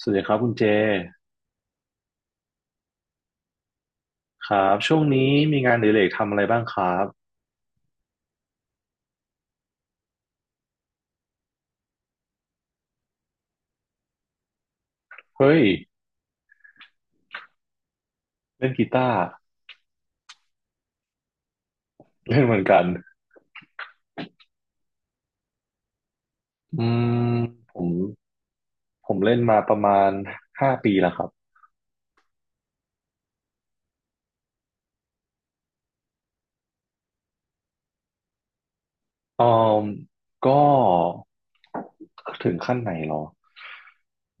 สวัสดีครับคุณเจครับช่วงนี้มีงานอดิเรกทำอะไรบ้างครับเฮ้ยเล่นกีตาร์เล่นเหมือนกันอืมผมผมเล่นมาประมาณ5 ปีแล้วครับอืมก็ถึงขั้นไหนหรอ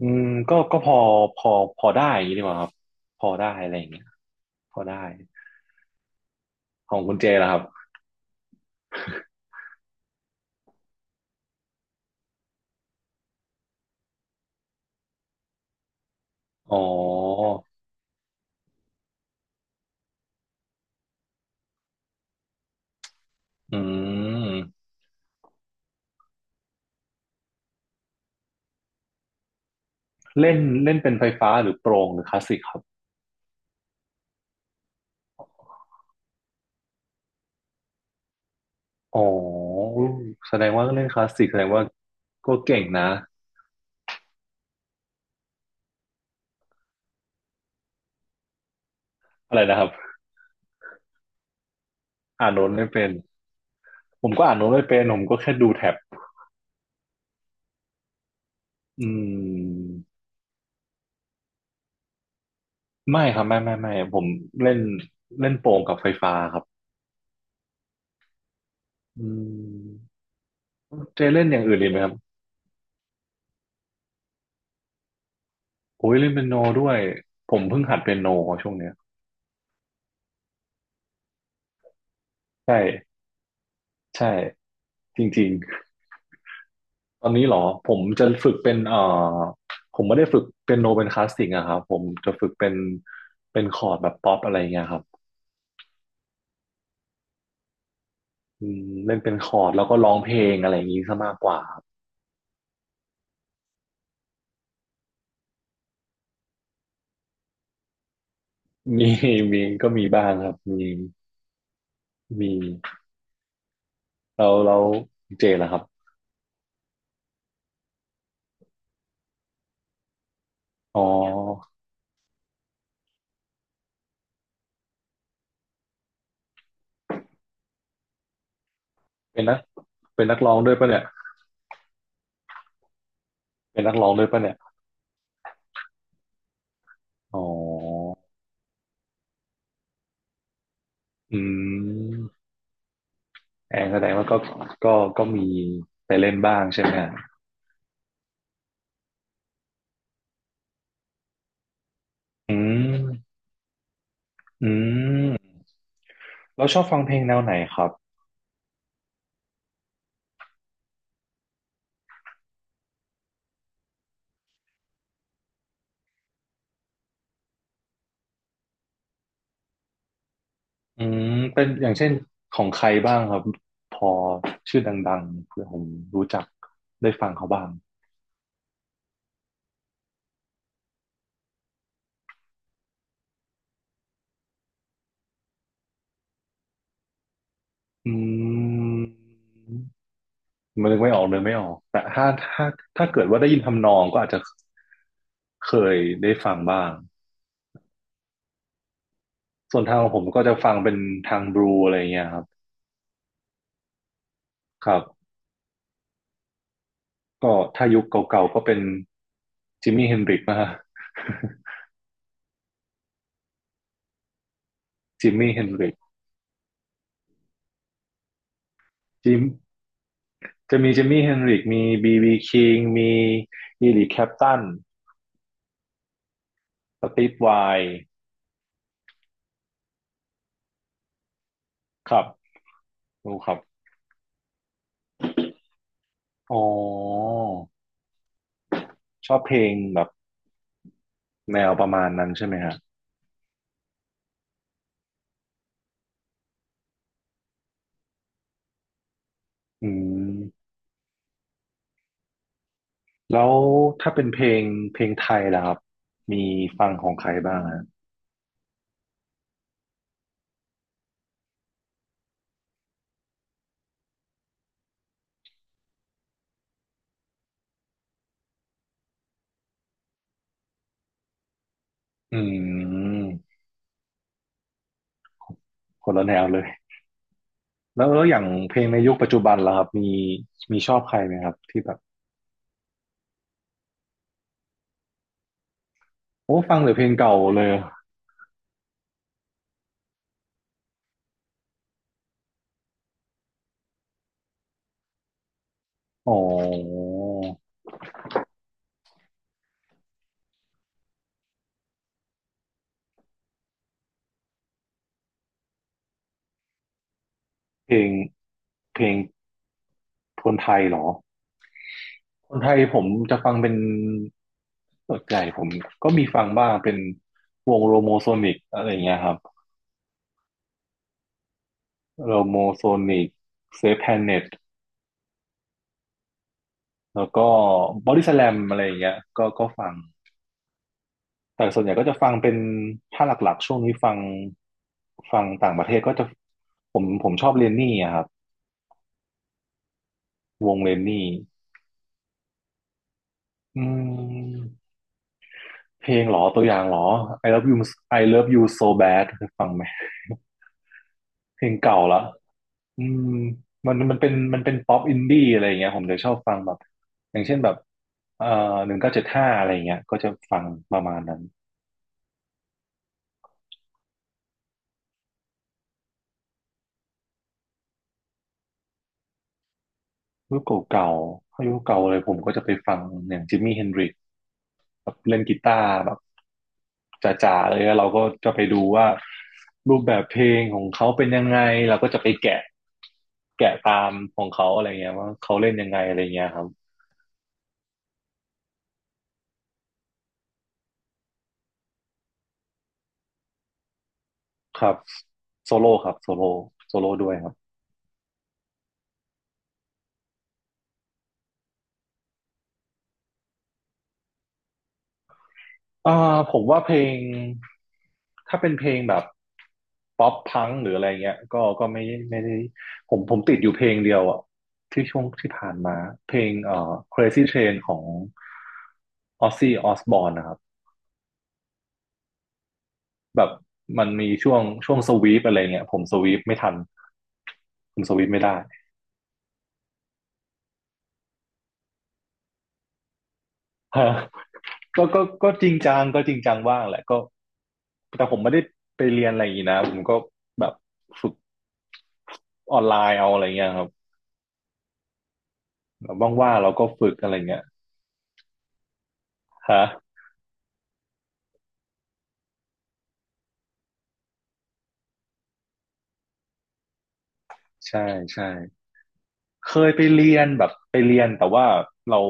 อืมก็พอพอได้อย่างนี้ดีกว่าครับพอได้อะไรอย่างเงี้ยพอได้ของคุณเจล่ะครับอ๋ออืมเล่นเล่นเป็นไฟฟ้าหรือโปร่งหรือคลาสสิกครับ อ๋อแสดงว่าเล่นคลาสสิกแสดงว่าก็เก่งนะอะไรนะครับอ่านโน้ตไม่เป็นผมก็อ่านโน้ตไม่เป็นผมก็แค่ดูแท็บอืมไม่ครับไม่ไม่ไม่ผมเล่นเล่นโป่งกับไฟฟ้าครับอืมเจเล่นอย่างอื่นดีไหมครับโอ้ยเล่นเปียโนด้วยผมเพิ่งหัดเปียโนช่วงเนี้ยใช่ใช่จริงๆตอนนี้เหรอผมจะฝึกเป็นผมไม่ได้ฝึกเปียโนเป็นคลาสสิกอะครับผมจะฝึกเป็นคอร์ดแบบป๊อปอะไรเงี้ยครับ อืมเล่นเป็นคอร์ดแล้วก็ร้องเพลงอะไรอย่างนี้ซะมากกว่าครับมีก็มีบ้างครับมีเราเจนนะครับอ๋อเป็นนักเป็นนักร้องด้วยปะเนี่ยเป็นนักร้องด้วยปะเนี่ยอ๋ออืมแองแสดงว่าก็ก็มีไปเล่นบ้างใช่ไหมฮะอืมอืมเราชอบฟังเพลงแนวไหนครับอืมเป็นอย่างเช่นของใครบ้างครับพอชื่อดังๆเพื่อผมรู้จักได้ฟังเขาบ้าง อืมมันนึกไม่ออกเลยไม่ออกแต่ถ้าเกิดว่าได้ยินทำนองก็อาจจะเคยได้ฟังบ้างส่วนทางของผมก็จะฟังเป็นทางบลูอะไรเงี้ยครับครับก็ถ้ายุคเก่าๆก็เป็นจิมมี่เฮนริกนะฮะ จิมมี่เฮนริกจิมจะมีจิมมี่เฮนริกมีบีบีคิงมีอีริคแคปตันสตีฟไวน์ครับรู้ครับอ๋อชอบเพลงแบบแนวประมาณนั้นใช่ไหมฮะ อืมแล้วถ้าเป็นเพลงไทยล่ะครับมีฟังของใครบ้างฮะอืมคนละแนวเลยแล้วอย่างเพลงในยุคปัจจุบันล่ะครับมีชอบใครไหมครับที่แบบโอ้ฟังแต่เพลงเก่าเลยอ๋อเพลงเพลงคนไทยเหรอคนไทยผมจะฟังเป็นส่วนใหญ่ผมก็มีฟังบ้างเป็นวงโรโมโซนิกอะไรอย่างเงี้ยครับโรโมโซนิกเซฟแพนเน็ต แล้วก็บอดี้สแลมอะไรอย่างเงี้ยก็ฟังแต่ส่วนใหญ่ก็จะฟังเป็นถ้าหลักๆช่วงนี้ฟังต่างประเทศก็จะผมชอบเรนนี่อะครับวงเรนนี่อืมเพลงเหรอตัวอย่างเหรอ I love you I love you so bad เคยฟังไหมเพลงเก่าละอืมมันเป็นเป็นป๊อปอินดี้อะไรอย่างเงี้ยผมจะชอบฟังแบบอย่างเช่นแบบเอ่อ1975อะไรอย่างเงี้ยก็จะฟังประมาณนั้น ยุคเก่าๆถ้ายุคเก่าเลยผมก็จะไปฟังอย่างจิมมี่เฮนดริกแบบเล่นกีตาร์แบบจ๋าๆเลยแล้วเราก็จะไปดูว่ารูปแบบเพลงของเขาเป็นยังไงเราก็จะไปแกะแกะตามของเขาอะไรเงี้ยว่าเขาเล่นยังไงอะไรเงี้ยครับครับโซโล่ครับโซโล่โซโล่ด้วยครับ อ่าผมว่าเพลงถ้าเป็นเพลงแบบป๊อปพังหรืออะไรเงี้ยก็ไม่ไม่ได้ผมติดอยู่เพลงเดียวอ่ะที่ช่วงที่ผ่านมาเพลงCrazy Train ของออ z ซี่ออสบอรนนะครับแบบมันมีช่วงสวีปอะไรเงี้ยผมสวีปไม่ทันผมสวีปไม่ได้ ฮะก็จริงจังก็จริงจังบ้างแหละก็แต่ผมไม่ได้ไปเรียนอะไรอย่างนี้นะผมก็แบบฝึกออนไลน์เอาอะไรเงี้ยครับ แล้วว่างๆเราก็ฝึกอะไรเงี้ยฮะใช่ใช่เคยไปเรียนแบบไปเรียนแต่ว่าเรา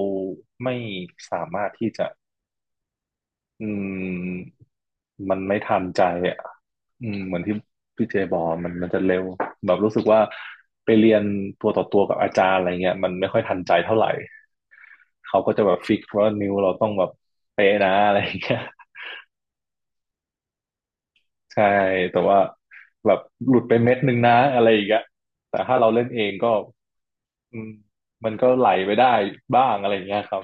ไม่สามารถที่จะอืมมันไม่ทันใจอ่ะอืมเหมือนที่พี่เจบอกมันจะเร็วแบบรู้สึกว่าไปเรียนตัวต่อตัวกับอาจารย์อะไรเงี้ยมันไม่ค่อยทันใจเท่าไหร่เขาก็จะแบบฟิกว่านิ้วเราต้องแบบเป๊ะนะอะไรอย่างเงี้ย ใช่แต่ว่าแบบหลุดไปเม็ดหนึ่งนะอะไรอย่างเงี้ยแต่ถ้าเราเล่นเองก็ อืมมันก็ไหลไปได้บ้างอะไรอย่างเงี้ยครับ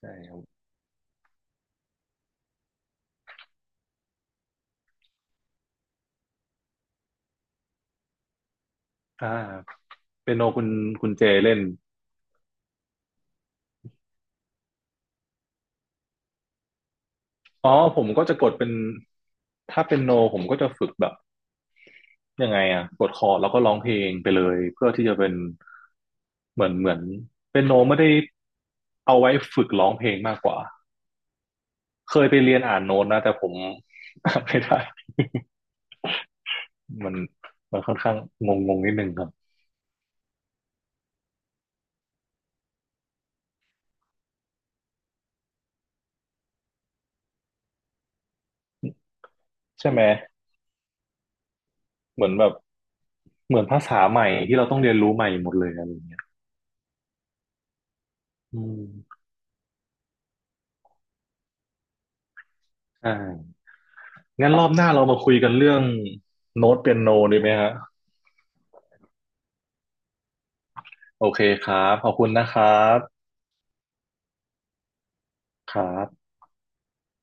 ใช่ครับอ่าเปียโนคุณเจเล่นอ๋อผมก็จะกดเป็นถ้าเป็นโนผมก็จะฝึกแบบยังไงอะกดคอร์ดแล้วก็ร้องเพลงไปเลยเพื่อที่จะเป็นเหมือนเป็นโนไม่ได้เอาไว้ฝึกร้องเพลงมากกว่าเคยไปเรียนอ่านโน้ตนะแต่ผม ไม่ได้มันมันค่อนข้างงงงงนิดนึงครับใช่ไหมเหมือนแบบเหมือนภาษาใหม่ที่เราต้องเรียนรู้ใหม่หมดเลยอะไรอย่างเงี้ยอืม ใช่งั้นรอบหน้าเรามาคุยกันเรื่องโน้ตเปียโนดีไหมฮะโอเคครับขอบคุณนะครับครับ